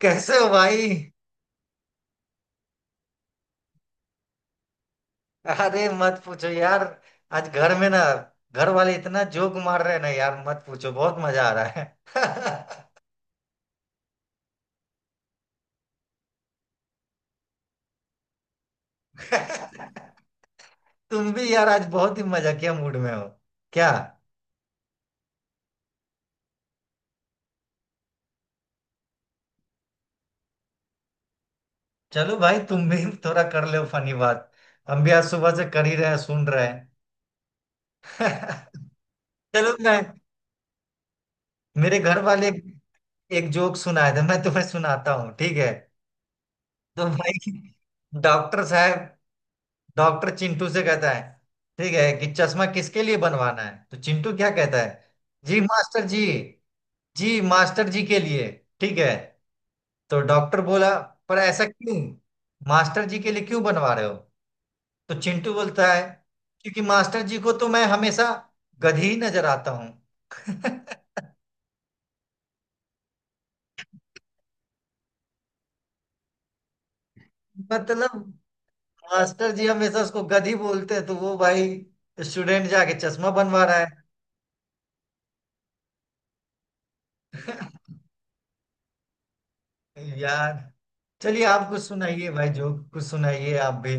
कैसे हो भाई। अरे मत पूछो यार। आज घर में ना, घर वाले इतना जोक मार रहे हैं ना यार, मत पूछो, बहुत मजा आ रहा है। तुम भी यार आज बहुत ही मजाकिया मूड में हो क्या। चलो भाई तुम भी थोड़ा कर लो फनी बात। हम भी आज सुबह से कर ही रहे हैं, सुन रहे हैं चलो मैं, मेरे घर वाले एक जोक सुनाए थे, मैं तुम्हें सुनाता हूँ, ठीक है। तो भाई, डॉक्टर साहब, डॉक्टर चिंटू से कहता है, ठीक है, कि चश्मा किसके लिए बनवाना है, तो चिंटू क्या कहता है। जी मास्टर जी, जी मास्टर जी के लिए। ठीक है। तो डॉक्टर बोला, पर ऐसा क्यों, मास्टर जी के लिए क्यों बनवा रहे हो। तो चिंटू बोलता है, क्योंकि मास्टर जी को तो मैं हमेशा गधी ही नजर आता हूँ मतलब मास्टर जी हमेशा उसको गधी बोलते हैं, तो वो भाई स्टूडेंट जाके चश्मा बनवा रहा है यार चलिए आप कुछ सुनाइए भाई, जो कुछ सुनाइए आप भी।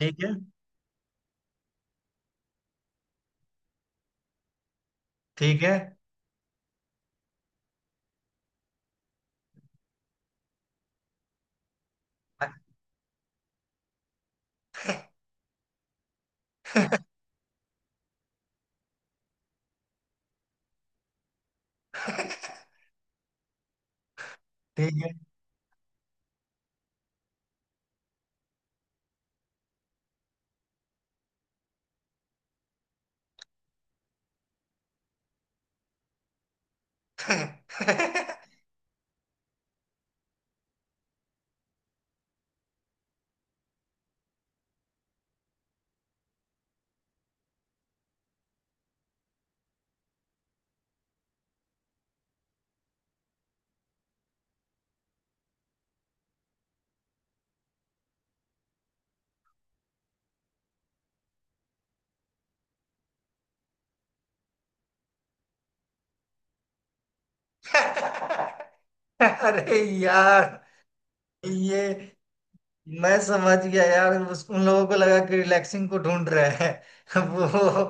ठीक है ठीक है ठीक है अरे यार ये, मैं समझ गया यार, उस उन लोगों को लगा कि रिलैक्सिंग को ढूंढ रहे हैं वो।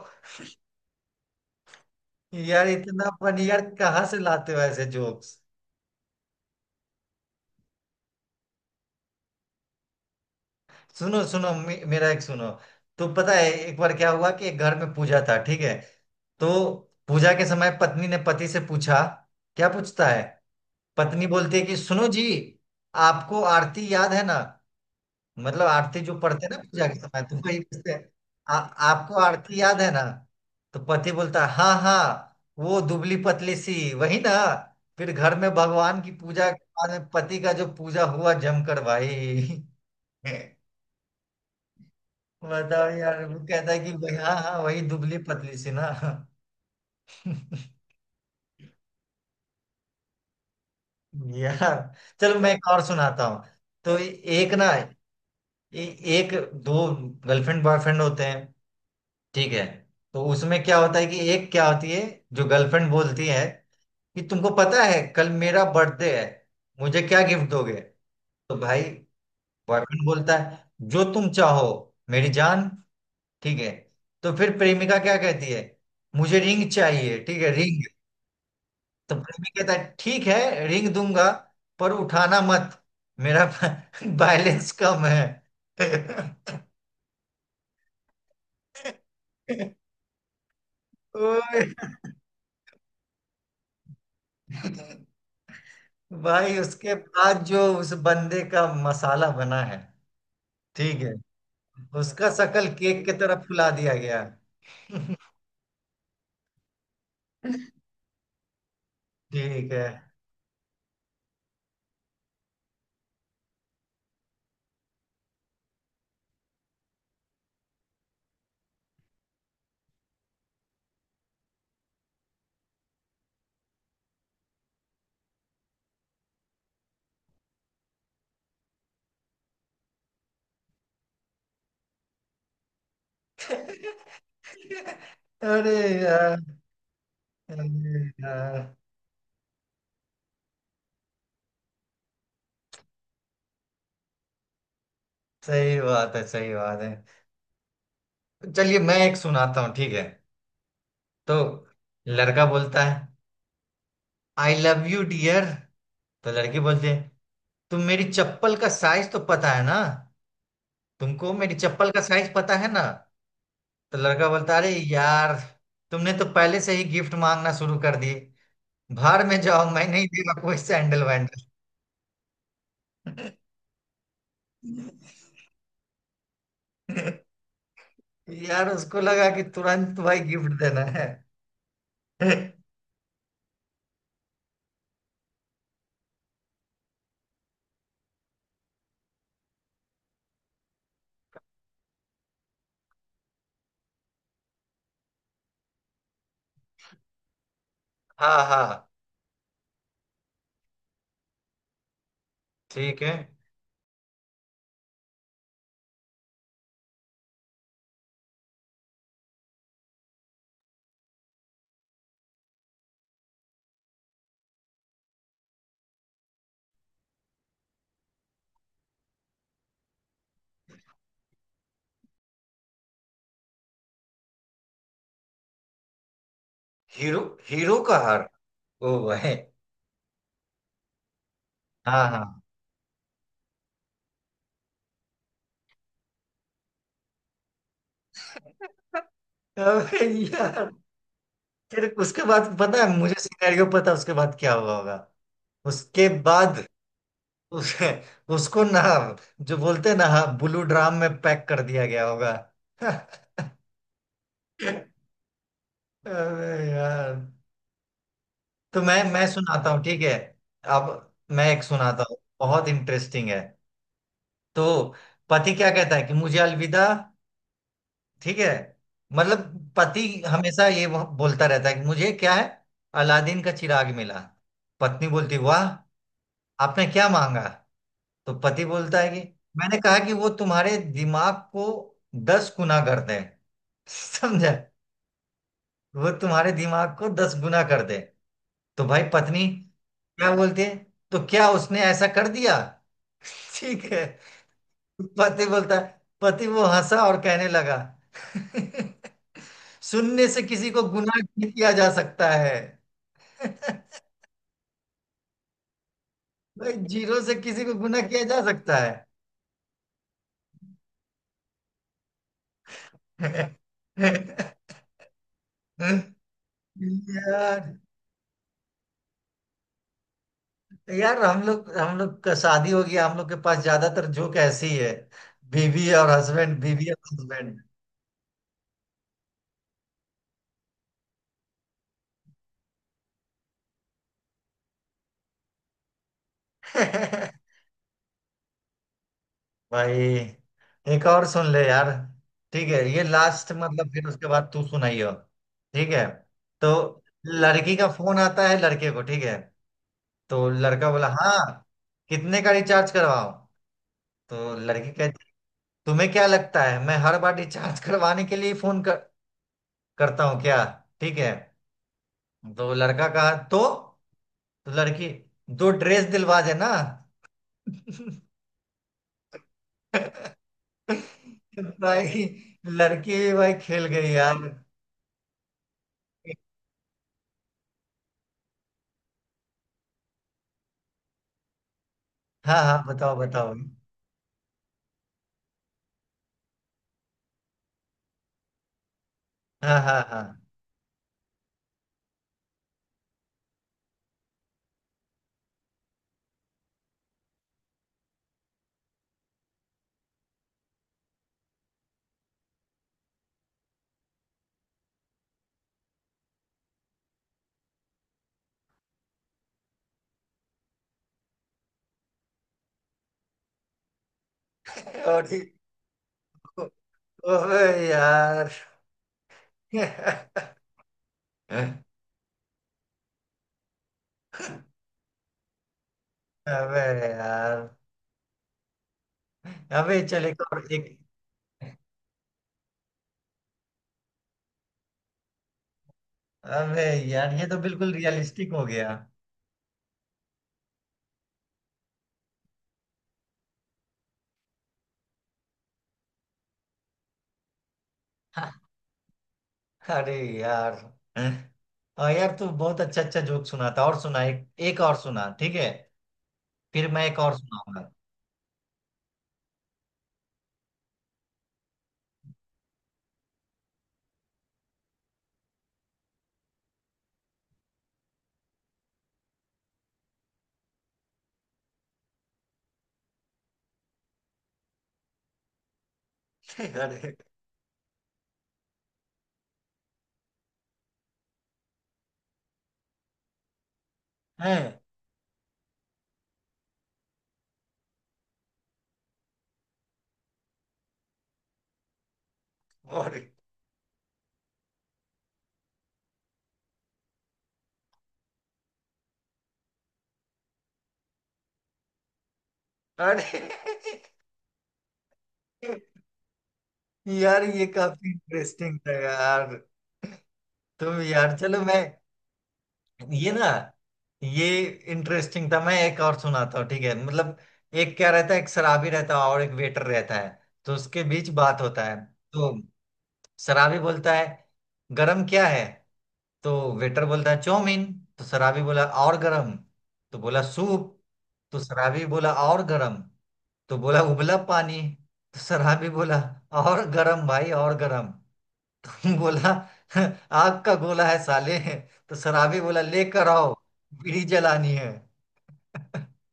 यार इतना फन, यार कहाँ से लाते हो ऐसे जोक्स। सुनो सुनो मेरा एक सुनो। तो पता है एक बार क्या हुआ, कि एक घर में पूजा था, ठीक है। तो पूजा के समय पत्नी ने पति से पूछा, क्या पूछता है। पत्नी बोलती है कि सुनो जी, आपको आरती याद है ना, मतलब आरती जो पढ़ते हैं ना पूजा के समय, तो वही पूछते हैं। "आ- आपको आरती याद है ना। तो पति बोलता है, हाँ हाँ, वो दुबली पतली सी वही ना। फिर घर में भगवान की पूजा के बाद में पति का जो पूजा हुआ जमकर भाई बताओ यार, वो कहता है कि भाई हाँ हाँ वही दुबली पतली सी ना यार चलो मैं एक और सुनाता हूँ। तो एक ना, ए, एक दो गर्लफ्रेंड बॉयफ्रेंड होते हैं, ठीक है। तो उसमें क्या होता है, कि एक क्या होती है, जो गर्लफ्रेंड बोलती है कि तुमको पता है कल मेरा बर्थडे है, मुझे क्या गिफ्ट दोगे। तो भाई बॉयफ्रेंड बोलता है, जो तुम चाहो मेरी जान, ठीक है। तो फिर प्रेमिका क्या कहती है, मुझे रिंग चाहिए, ठीक है, रिंग। तो प्रेमी कहता है ठीक है, रिंग दूंगा, पर उठाना मत मेरा बैलेंस कम है ओए भाई, उसके बाद जो उस बंदे का मसाला बना है, ठीक है, उसका शकल केक की तरह फुला दिया गया। ठीक है। अरे यार, अरे यार, सही बात है सही बात है। चलिए मैं एक सुनाता हूँ ठीक है। तो लड़का बोलता है, आई लव यू डियर। तो लड़की बोलती है, तुम मेरी चप्पल का साइज तो पता है ना, तुमको मेरी चप्पल का साइज पता है ना। तो लड़का बोलता, अरे यार, तुमने तो पहले से ही गिफ्ट मांगना शुरू कर दिए, बाहर में जाओ, मैं नहीं दे रहा कोई सैंडल वैंडल यार उसको लगा कि तुरंत भाई गिफ्ट देना है हाँ हाँ। ठीक है। हीरो, हीरो का हार। ओ भाई। हाँ हाँ अबे यार, फिर उसके बाद पता है मुझे सिनेरियो, पता है उसके बाद क्या हुआ होगा। उसके बाद उस, उसको ना, जो बोलते हैं ना, हाँ, ब्लू ड्राम में पैक कर दिया गया होगा अरे यार, तो मैं सुनाता हूँ ठीक है। अब मैं एक सुनाता हूँ बहुत इंटरेस्टिंग है। तो पति क्या कहता है, कि मुझे अलविदा, ठीक है, मतलब पति हमेशा बोलता रहता है कि मुझे क्या है, अलादीन का चिराग मिला। पत्नी बोलती, वाह, आपने क्या मांगा। तो पति बोलता है कि मैंने कहा कि वो तुम्हारे दिमाग को 10 गुना कर दे समझा, वो तुम्हारे दिमाग को दस गुना कर दे। तो भाई पत्नी क्या बोलती है, तो क्या उसने ऐसा कर दिया ठीक है। पति बोलता है, पति वो हंसा और कहने लगा शून्य से किसी को गुना नहीं किया जा सकता है भाई जीरो से किसी को गुना किया जा सकता है यार, यार हम लोग का शादी हो गया, हम लोग के पास ज्यादातर जोक ऐसी ही है, बीवी और हस्बैंड, बीवी और हस्बैंड भाई एक और सुन ले यार, ठीक है, ये लास्ट, मतलब फिर उसके बाद तू सुनाइयो। ठीक है। तो लड़की का फोन आता है लड़के को, ठीक है। तो लड़का बोला, हाँ, कितने का रिचार्ज करवाओ। तो लड़की कहती, तुम्हें क्या लगता है मैं हर बार रिचार्ज करवाने के लिए फोन करता हूँ क्या। ठीक है। तो लड़का कहा तो लड़की, दो ड्रेस दिलवा देना भाई लड़की भी भाई खेल गई यार। हाँ हाँ बताओ बताओ। हाँ हाँ हाँ। और ओबे यार अबे यार, अबे चल एक और एक। अबे यार, ये तो बिल्कुल रियलिस्टिक हो गया अरे यार, और यार तू बहुत अच्छा अच्छा जोक सुनाता, और सुना, एक एक और सुना, ठीक है, फिर मैं एक और सुनाऊंगा। अरे हैं, और अरे यार, ये काफी इंटरेस्टिंग था यार। तुम यार, चलो मैं, ये ना, ये इंटरेस्टिंग था, मैं एक और सुनाता हूँ ठीक है, मतलब। एक क्या रहता है, एक शराबी रहता है और एक वेटर रहता है। तो उसके बीच बात होता है। तो शराबी बोलता है, गरम क्या है। तो वेटर बोलता है, चाउमीन। तो शराबी बोला, और गरम। तो बोला, सूप। तो शराबी बोला, और गरम। तो बोला, उबला पानी। तो सराबी भी बोला, और गरम भाई और गरम। तो बोला, आग का गोला है साले। तो सराबी बोला, लेकर आओ, बीड़ी जलानी है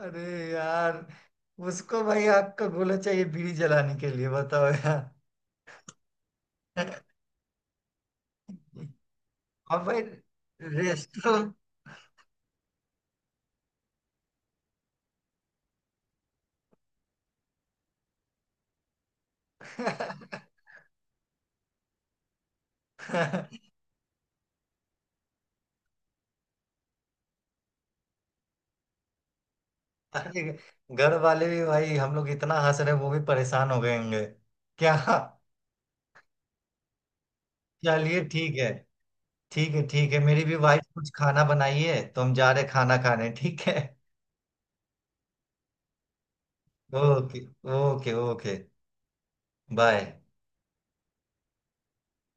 अरे यार, उसको भाई आग का गोला चाहिए बीड़ी जलाने के लिए, बताओ यार और भाई रेस्टो अरे घर वाले भी भाई, हम लोग इतना हंस रहे हैं, वो भी परेशान हो गए होंगे क्या। चलिए ठीक है, ठीक है ठीक है, मेरी भी वाइफ कुछ खाना बनाई है, तो हम जा रहे खाना खाने, ठीक है। Okay, okay okay. बाय।